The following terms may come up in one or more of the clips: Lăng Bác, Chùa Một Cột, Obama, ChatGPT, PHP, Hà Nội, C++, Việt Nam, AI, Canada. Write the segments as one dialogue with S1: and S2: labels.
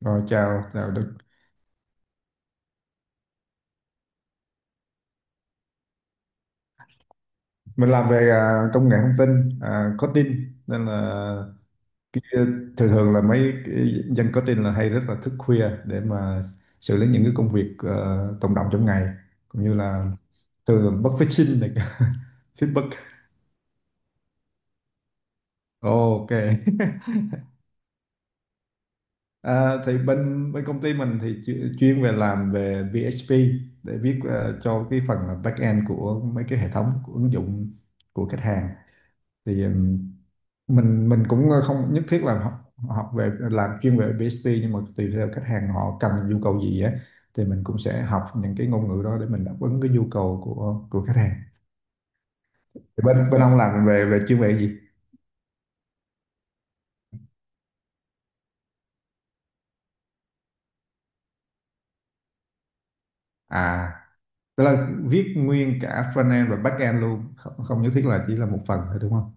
S1: Rồi, chào Đức. Mình làm về công nghệ thông tin, coding, nên là cái, thường thường là mấy cái dân coding là hay rất là thức khuya để mà xử lý những cái công việc tồn đọng trong ngày, cũng như là thường là bất phát sinh này feedback. Ồ, ok. À, thì bên bên công ty mình thì chuyên về làm về PHP để viết cho cái phần là back end của mấy cái hệ thống, của ứng dụng của khách hàng. Thì mình cũng không nhất thiết là học về làm chuyên về PHP, nhưng mà tùy theo khách hàng họ cần nhu cầu gì á, thì mình cũng sẽ học những cái ngôn ngữ đó để mình đáp ứng cái nhu cầu của khách hàng. Thì bên bên ông làm về về chuyên về gì? À, tức là viết nguyên cả frontend và backend luôn, không không nhất thiết là chỉ là một phần thôi đúng không?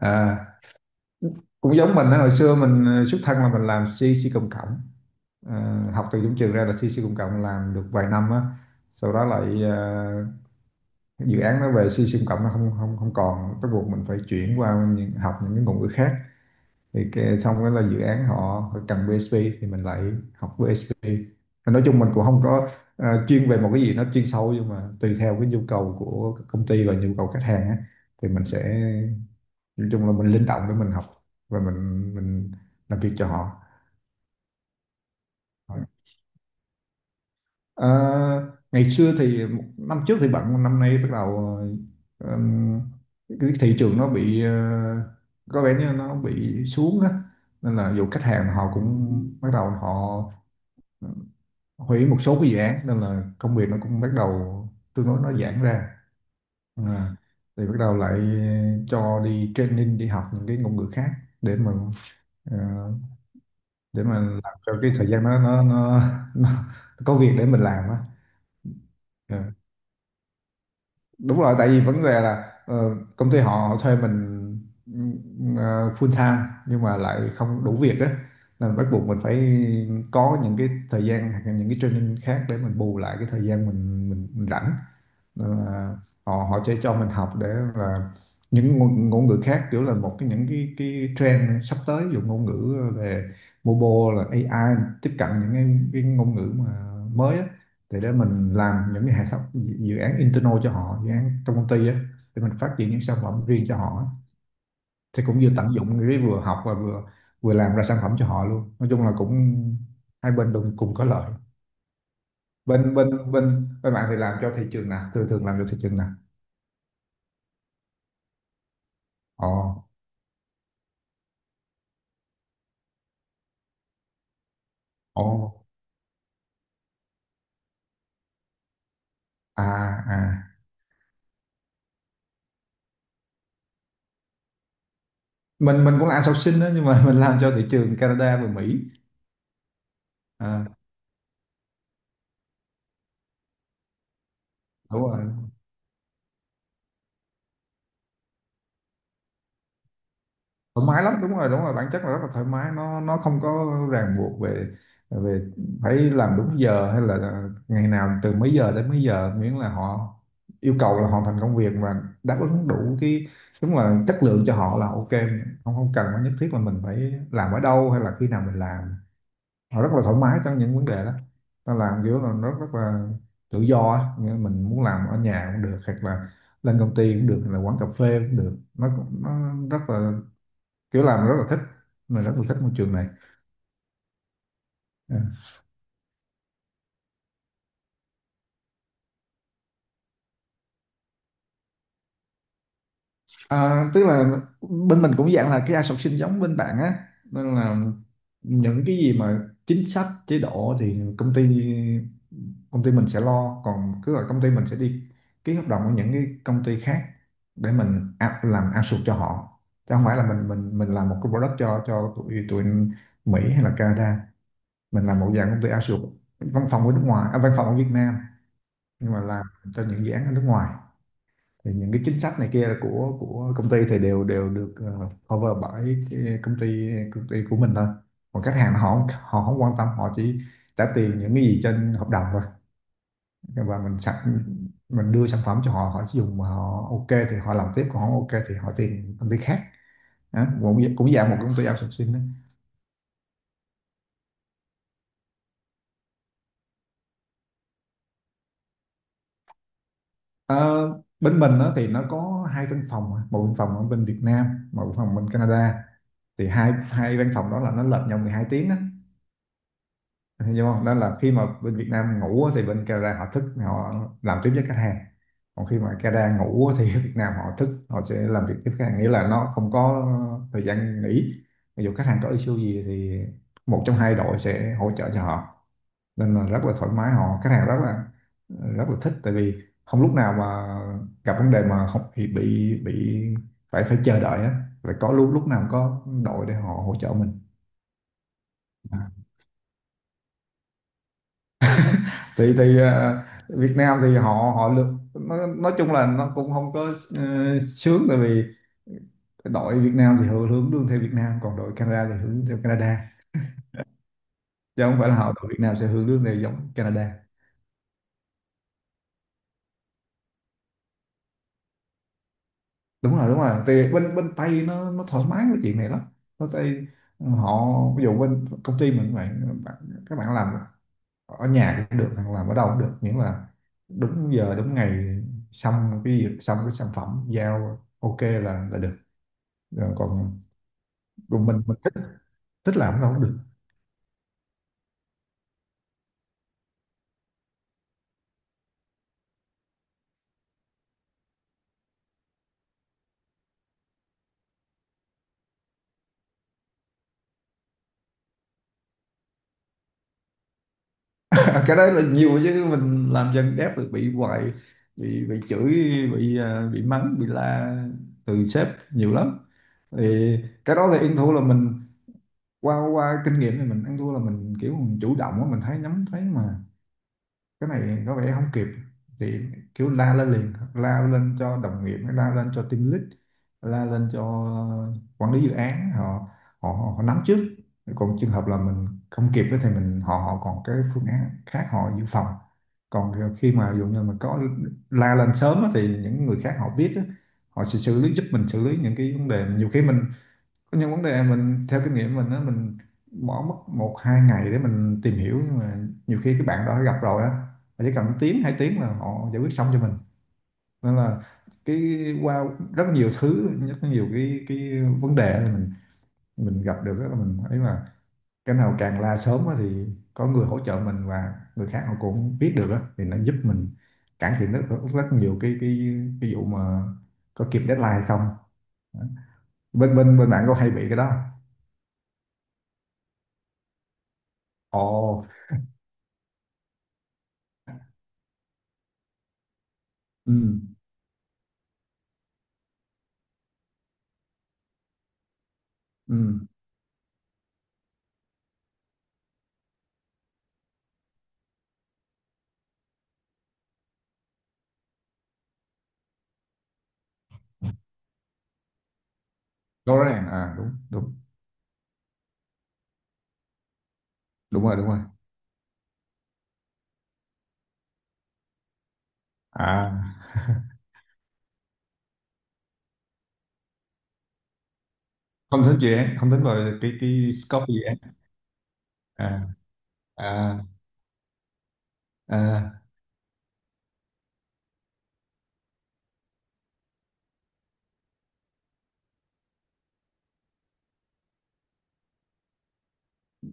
S1: À, cũng giống mình á, hồi xưa mình xuất thân là mình làm C C cộng cộng. Học từ giống trường ra là C C cộng cộng, làm được vài năm á, sau đó lại dự án nó về C siêu cộng, nó không không không còn, bắt buộc mình phải chuyển qua học những cái ngôn ngữ khác. Thì xong đó là dự án họ cần PHP thì mình lại học PHP. Thì nói chung mình cũng không có chuyên về một cái gì nó chuyên sâu, nhưng mà tùy theo cái nhu cầu của công ty và nhu cầu khách hàng á, thì mình sẽ, nói chung là mình linh động để mình học và mình làm việc cho họ. Ờ, ngày xưa thì một năm trước thì bận, năm nay bắt đầu ừm, cái thị trường nó bị, có vẻ như nó bị xuống á, nên là dù khách hàng họ cũng bắt đầu họ ừ, hủy một số cái dự án, nên là công việc nó cũng bắt đầu tương đối nó giãn ra. À, thì bắt đầu lại cho đi training, đi học những cái ngôn ngữ khác để mà, ờ, để mà làm cho cái thời gian nó có việc để mình làm á. Ờ, đúng rồi, tại vì vấn đề là công ty họ thuê mình ờ, full time, nhưng mà lại không đủ việc á, nên bắt buộc mình phải có những cái thời gian hoặc là những cái training khác để mình bù lại cái thời gian mình rảnh. Nên là họ họ cho mình học để là những ngôn ngữ khác, kiểu là một cái, những cái trend sắp tới, ví dụ ngôn ngữ về mobile, là AI, tiếp cận những cái ngôn ngữ mà mới á, thì để mình làm những cái hệ thống dự án internal cho họ, dự án trong công ty á, để mình phát triển những sản phẩm riêng cho họ á. Thì cũng vừa tận dụng cái vừa học và vừa, vừa làm ra sản phẩm cho họ luôn, nói chung là cũng hai bên đều cùng có lợi. Bên bên bên bên bạn thì làm cho thị trường nào, thường thường làm cho thị trường nào? Ồ. Ồ. À. À. Mình cũng là outsourcing đó, nhưng mà mình làm cho thị trường Canada và Mỹ. À, đúng rồi, thoải mái lắm, đúng rồi, đúng rồi, bản chất là rất là thoải mái. Nó không có ràng buộc về, về phải làm đúng giờ hay là ngày nào từ mấy giờ đến mấy giờ, miễn là họ yêu cầu là hoàn thành công việc và đáp ứng đủ cái đúng là chất lượng cho họ là ok, không không cần phải nhất thiết là mình phải làm ở đâu hay là khi nào mình làm. Họ rất là thoải mái trong những vấn đề đó, ta làm kiểu là nó rất là tự do á. Nghĩa là mình muốn làm ở nhà cũng được, hoặc là lên công ty cũng được, hay là quán cà phê cũng được, nó cũng nó rất là, kiểu làm rất là thích, mình rất là thích môi trường này. Ừ. À, tức là bên mình cũng dạng là cái outsourcing giống bên bạn á, nên là những cái gì mà chính sách chế độ thì công ty mình sẽ lo. Còn cứ là công ty mình sẽ đi ký hợp đồng với những cái công ty khác để mình làm outsource cho họ, chứ không phải là mình làm một cái product cho tụi tụi Mỹ hay là Canada. Mình làm một dạng công ty outsource, văn phòng ở nước ngoài, à, văn phòng ở Việt Nam nhưng mà làm cho những dự án ở nước ngoài. Thì những cái chính sách này kia của công ty thì đều đều được cover bởi cái công ty của mình thôi. Còn khách hàng họ họ không quan tâm, họ chỉ trả tiền những cái gì trên hợp đồng thôi, và mình sẵn mình đưa sản phẩm cho họ, họ sử dụng mà họ ok thì họ làm tiếp, còn không ok thì họ tìm công ty khác. Đó, cũng cũng dạng một công ty outsourcing đó. Ờ, bên mình đó thì nó có hai văn phòng, một văn phòng ở bên Việt Nam, một văn phòng bên Canada. Thì hai hai văn phòng đó là nó lệch nhau 12 tiếng á, hiểu không? Đó là khi mà bên Việt Nam ngủ á, thì bên Canada họ thức, họ làm tiếp với khách hàng, còn khi mà Canada ngủ á, thì ở Việt Nam họ thức, họ sẽ làm việc tiếp khách hàng, nghĩa là nó không có thời gian nghỉ. Ví dụ khách hàng có issue gì thì một trong hai đội sẽ hỗ trợ cho họ, nên là rất là thoải mái, họ khách hàng rất là, rất là thích, tại vì không lúc nào mà gặp vấn đề mà không bị phải phải chờ đợi á, phải có lúc lúc nào có đội để họ hỗ trợ mình. thì thì ờ, Việt Nam thì họ họ được, nó, nói chung là nó cũng không có sướng, tại vì đội Việt Nam thì họ hướng lương theo Việt Nam, còn đội Canada thì hướng theo Canada, chứ không phải là họ đội Việt Nam sẽ hướng lương theo giống Canada. Đúng rồi, đúng rồi, thì bên bên Tây nó thoải mái với chuyện này lắm. Bên Tây họ, ví dụ bên công ty mình vậy, các bạn làm ở nhà cũng được, hoặc làm ở đâu cũng được, miễn là đúng giờ đúng ngày, xong cái việc, xong cái sản phẩm giao ok là được. Rồi còn, còn mình thích thích làm nó không được. Cái đấy là nhiều chứ, mình làm dân đáp được bị hoài, bị chửi, bị mắng, bị la từ sếp nhiều lắm. Thì cái đó thì ăn thua là mình, qua qua kinh nghiệm thì mình ăn thua là mình kiểu mình chủ động á, mình thấy, nhắm thấy mà cái này có vẻ không kịp, thì kiểu la lên liền, la lên cho đồng nghiệp, la lên cho team lead, la lên cho quản lý dự án, họ họ, họ nắm trước, còn trường hợp là mình không kịp ấy thì mình họ họ còn cái phương án khác họ dự phòng. Còn khi mà ví dụ như mình có la lên sớm á, thì những người khác họ biết á, họ sẽ xử lý giúp mình, xử lý những cái vấn đề, nhiều khi mình có những vấn đề, mình theo kinh nghiệm mình á, mình bỏ mất một hai ngày để mình tìm hiểu, nhưng mà nhiều khi cái bạn đó đã gặp rồi á, mà chỉ cần tiếng 2 tiếng là họ giải quyết xong cho mình. Nên là cái, qua rất là nhiều thứ, rất là nhiều cái vấn đề thì mình gặp được á, là mình thấy mà cái nào càng la sớm á, thì có người hỗ trợ mình và người khác họ cũng biết được á, thì nó giúp mình cải thiện rất, rất nhiều cái vụ mà có kịp deadline hay không. Bên bên bên bạn có hay bị cái đó? Ồ. Ừ, ừ. Rõ ràng à? Đúng, đúng. Đúng rồi, đúng rồi. À, không tính dự án, không tính vào cái scope của dự án. À. À. À,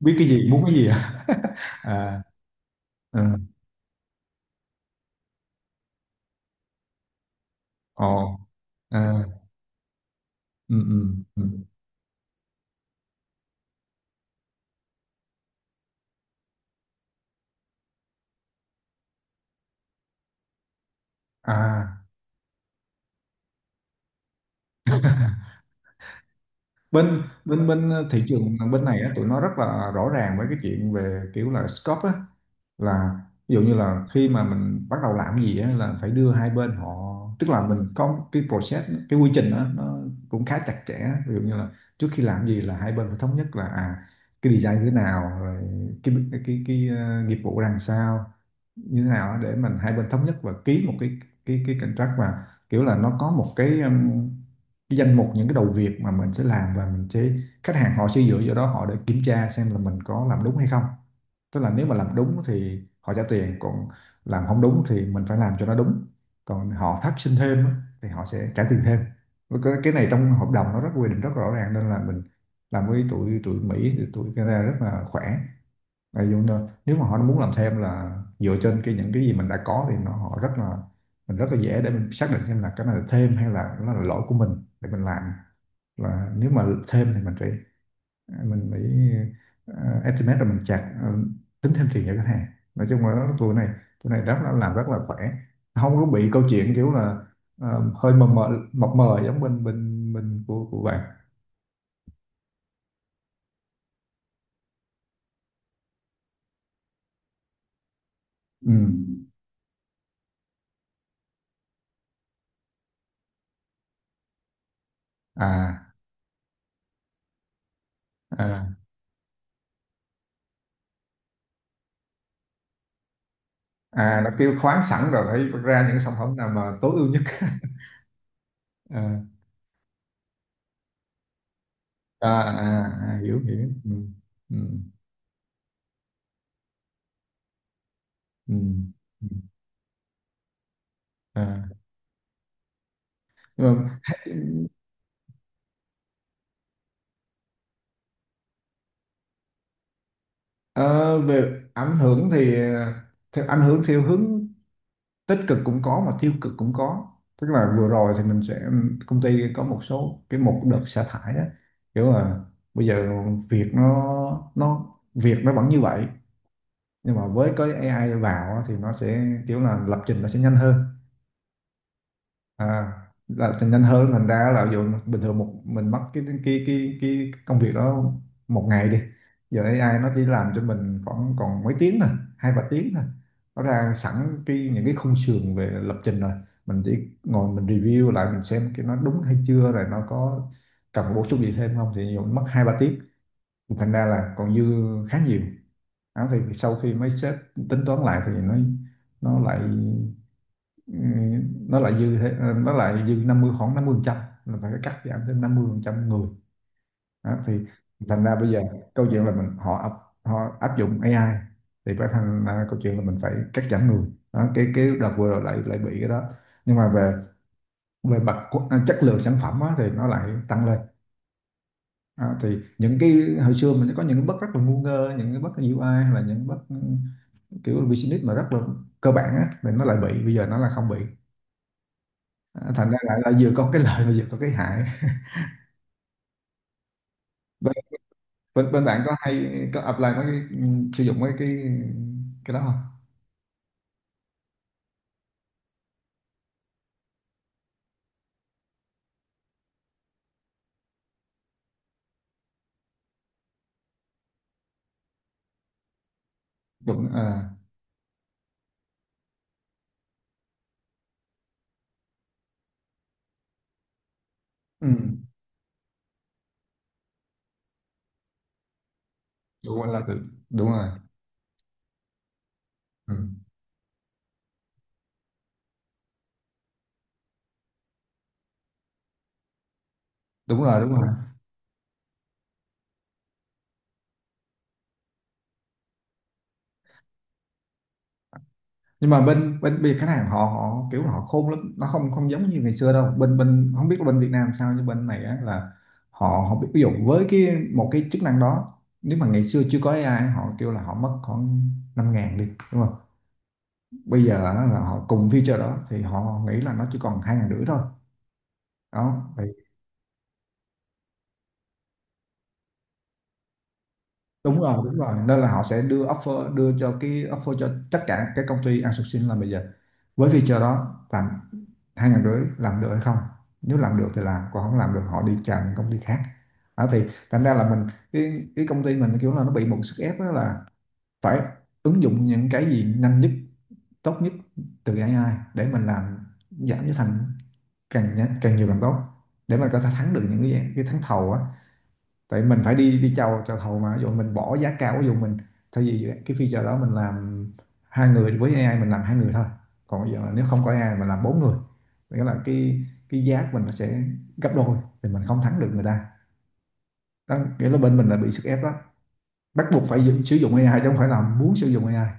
S1: biết cái gì, muốn cái gì à? À. Ừ. Ồ. À. Ừ, ừ, ừ. à bên bên bên thị trường bên này á, tụi nó rất là rõ ràng với cái chuyện về kiểu là scope á, là ví dụ như là khi mà mình bắt đầu làm gì á, là phải đưa hai bên họ, tức là mình có cái process, cái quy trình đó, nó cũng khá chặt chẽ. Ví dụ như là trước khi làm gì là hai bên phải thống nhất là cái design như thế nào rồi cái cái nghiệp vụ ra làm sao, như thế nào để mình hai bên thống nhất và ký một cái contract, và kiểu là nó có một cái danh mục những cái đầu việc mà mình sẽ làm và mình sẽ... khách hàng họ sẽ dựa vào đó họ để kiểm tra xem là mình có làm đúng hay không. Tức là nếu mà làm đúng thì họ trả tiền, còn làm không đúng thì mình phải làm cho nó đúng. Còn họ phát sinh thêm á, thì họ sẽ trả tiền thêm. Cái này trong hợp đồng nó rất quy định rất rõ ràng, nên là mình làm với tụi tụi Mỹ thì tụi Canada rất là khỏe. Đại Dung đó. Nếu mà họ muốn làm thêm là dựa trên cái những cái gì mình đã có thì nó họ rất là... mình rất là dễ để mình xác định xem là cái này là thêm hay là nó là lỗi của mình để mình làm. Là nếu mà thêm thì mình phải estimate, rồi mình chặt tính thêm tiền cho khách hàng. Nói chung là tụi này rất là làm rất là khỏe, không có bị câu chuyện kiểu là hơi mờ mờ mập mờ giống bên bên bên của bạn. Ừ. À, à, à, nó kêu khoáng sẵn rồi phải vắt ra những sản phẩm nào mà tối ưu nhất. À, à, à, à, hiểu hiểu, ừ, ừ, ừ, ừ. À. Nhưng mà ờ, về ảnh hưởng thì theo ảnh hưởng theo hướng tích cực cũng có mà tiêu cực cũng có. Tức là vừa rồi thì mình sẽ... công ty có một số cái, một đợt xả thải đó, kiểu là bây giờ việc nó việc nó vẫn như vậy, nhưng mà với cái AI vào á thì nó sẽ kiểu là lập trình nó sẽ nhanh hơn. À, là thì nhanh hơn thành ra là bình thường một mình mất cái công việc đó một ngày đi, giờ AI nó chỉ làm cho mình khoảng còn mấy tiếng thôi, 2-3 tiếng thôi. Nó ra sẵn cái những cái khung sườn về lập trình rồi, mình chỉ ngồi mình review lại mình xem cái nó đúng hay chưa, rồi nó có cần bổ sung gì thêm không, thì mất 2-3 tiếng. Thì thành ra là còn dư khá nhiều. Đó, thì sau khi mấy sếp tính toán lại thì nó lại ừ, nó lại nó lại dư năm mươi, khoảng 50%, là phải cắt giảm thêm 50% người. Đó, thì thành ra bây giờ câu chuyện là mình họ áp dụng AI thì phải, thành ra câu chuyện là mình phải cắt giảm người. Đó, cái đợt vừa rồi lại lại bị cái đó. Nhưng mà về về mặt chất lượng sản phẩm á, thì nó lại tăng lên. À, thì những cái hồi xưa mình có những cái bug rất là ngu ngơ, những cái bug UI hay là những bug, kiểu business mà rất là cơ bản á, thì nó lại bị bây giờ nó là không bị. À, thành ra là vừa có cái lợi mà vừa có cái hại. Bên, bên, bên bạn có hay có apply mấy cái, sử dụng mấy cái đó không? Đúng. À. Ừ. Đúng rồi, đúng rồi. Ừ. Đúng rồi. Nhưng mà bên bên bên khách hàng họ họ kiểu họ khôn lắm, nó không không giống như ngày xưa đâu. Bên bên Không biết là bên Việt Nam sao, nhưng bên này á, là họ họ biết, ví dụ với cái một cái chức năng đó, nếu mà ngày xưa chưa có AI họ kêu là họ mất khoảng 5.000 đi, đúng không? Bây giờ á, là họ cùng feature đó thì họ nghĩ là nó chỉ còn 2.500 thôi. Đó thì... Đúng rồi, nên là họ sẽ đưa offer, đưa cho cái offer cho tất cả các công ty outsourcing là bây giờ với feature đó làm 2.500 làm được hay không. Nếu làm được thì làm, còn không làm được họ đi chào những công ty khác. Đó thì thành ra là mình, cái công ty mình kiểu là nó bị một sức ép đó là phải ứng dụng những cái gì nhanh nhất, tốt nhất từ AI để mình làm giảm giá thành, càng nhanh càng nhiều càng tốt, để mình có thể thắng được những cái thắng thầu á. Tại mình phải đi đi chào chào thầu, mà ví dụ mình bỏ giá cao, ví dụ mình thay vì cái feature đó mình làm hai người, với AI mình làm hai người thôi, còn bây giờ là nếu không có AI mình làm bốn người, nghĩa là cái giá của mình nó sẽ gấp đôi, thì mình không thắng được người ta. Đó nghĩa là bên mình là bị sức ép đó, bắt buộc phải sử dụng AI chứ không phải là muốn sử dụng AI.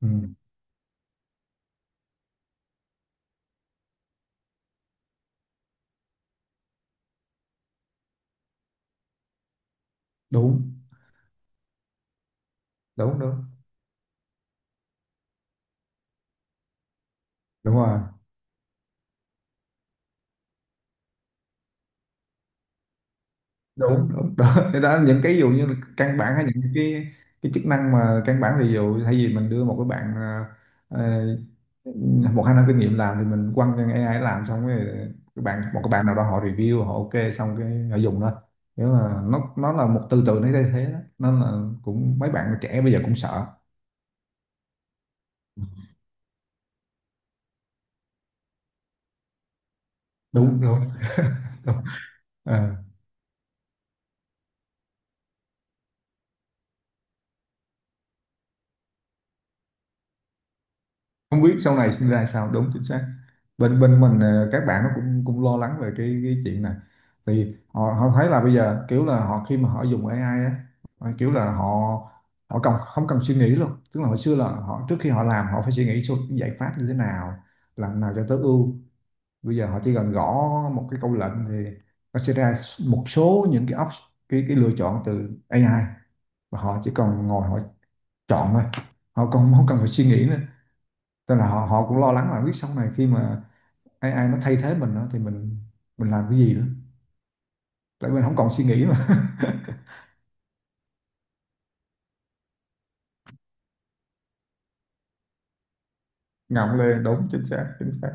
S1: Ừ, đúng đúng, đúng rồi đúng đúng Đó. Thế đó những cái ví dụ như là căn bản, hay những cái chức năng mà căn bản, ví dụ thay vì mình đưa một cái bạn ờ, một hai năm kinh nghiệm làm thì mình quăng cho AI làm xong rồi cái bạn, một cái bạn nào đó họ review, họ ok xong cái họ dùng thôi. Nếu mà nó là một tư tưởng nó thay thế đó, nên là cũng mấy bạn trẻ bây giờ cũng sợ. Đúng đúng, đúng. Ờ. Không biết sau này sinh ra sao, đúng, chính xác. Bên bên mình, các bạn nó cũng cũng lo lắng về cái chuyện này. Thì họ họ thấy là bây giờ kiểu là họ khi mà họ dùng AI á, kiểu là họ họ cần không cần suy nghĩ luôn, tức là hồi xưa là họ trước khi họ làm họ phải suy nghĩ số giải pháp như thế nào, làm nào cho tối ưu. Bây giờ họ chỉ cần gõ một cái câu lệnh thì nó sẽ ra một số những cái option, cái lựa chọn từ AI, và họ chỉ cần ngồi họ chọn thôi, họ còn không cần phải suy nghĩ nữa. Tức là họ họ cũng lo lắng là biết sau này khi mà AI nó thay thế mình á, thì mình làm cái gì nữa. Tại mình không còn suy nghĩ mà. Ngậm lên, đúng, chính xác, chính xác.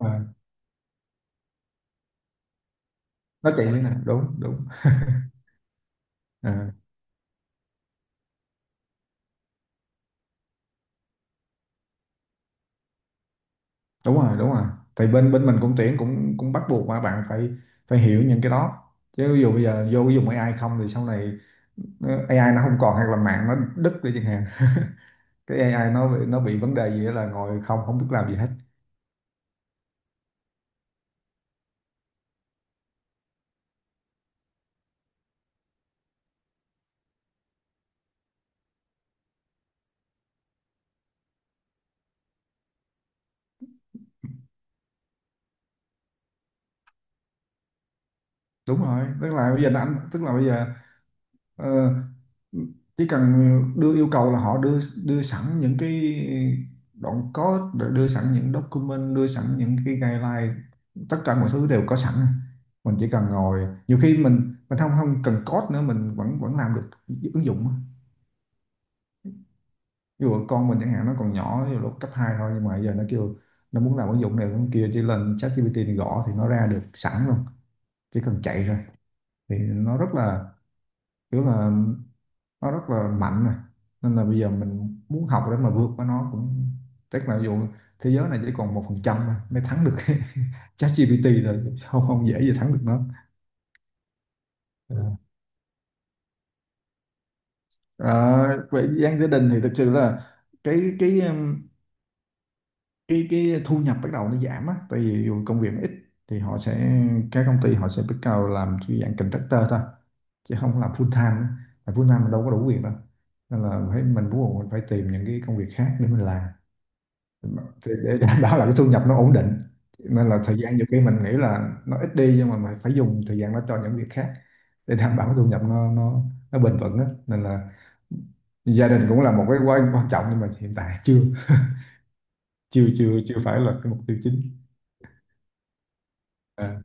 S1: À, nó chạy lên nè, đúng, đúng. À, đúng rồi, đúng rồi. Thì bên bên mình cũng tuyển, cũng cũng bắt buộc mà bạn phải phải hiểu những cái đó. Chứ ví dụ bây giờ vô dùng AI không thì sau này AI nó không còn, hoặc là mạng nó đứt đi chẳng hạn. Cái AI nó bị vấn đề gì đó là ngồi không không biết làm gì hết. Đúng rồi, tức là bây giờ, Ờ, chỉ cần đưa yêu cầu là họ đưa đưa sẵn những cái đoạn code, rồi đưa sẵn những document, đưa sẵn những cái guideline, tất cả mọi thứ đều có sẵn. Mình chỉ cần ngồi, nhiều khi mình không không cần code nữa mình vẫn vẫn làm được ứng dụng á. Ví dụ con mình chẳng hạn, nó còn nhỏ, ví dụ lúc cấp 2 thôi, nhưng mà giờ nó kêu nó muốn làm ứng dụng này ứng dụng kia, chỉ lên ChatGPT gõ thì nó ra được sẵn luôn, chỉ cần chạy rồi. Thì nó rất là kiểu là nó rất là mạnh rồi. Nên là bây giờ mình muốn học để mà vượt qua nó cũng... chắc là thế giới này chỉ còn 1% mới thắng được ChatGPT, rồi sao không dễ gì thắng được nó. Ờ. Ờ, về gia đình thì thực sự là cái, cái thu nhập bắt đầu nó giảm á, tại vì dù công việc nó ít thì họ sẽ các công ty họ sẽ bắt đầu làm cái dạng contractor thôi, chứ không làm full time á. Làm full time mình đâu có đủ việc đâu, nên là phải mình bắt buộc mình phải tìm những cái công việc khác để mình làm, thì để đảm bảo là cái thu nhập nó ổn định. Nên là thời gian nhiều khi mình nghĩ là nó ít đi, nhưng mà mình phải dùng thời gian đó cho những việc khác, để đảm bảo cái thu nhập nó bền vững á. Nên là gia đình cũng là một cái quan quan trọng, nhưng mà hiện tại chưa chưa chưa chưa phải là cái mục tiêu chính. À,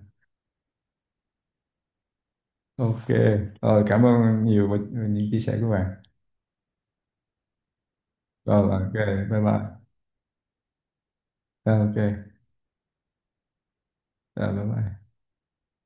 S1: ok. Rồi, cảm ơn nhiều về những chia sẻ của bạn. Rồi, ok, bye bye. Ờ, ok. Rồi, bye bye.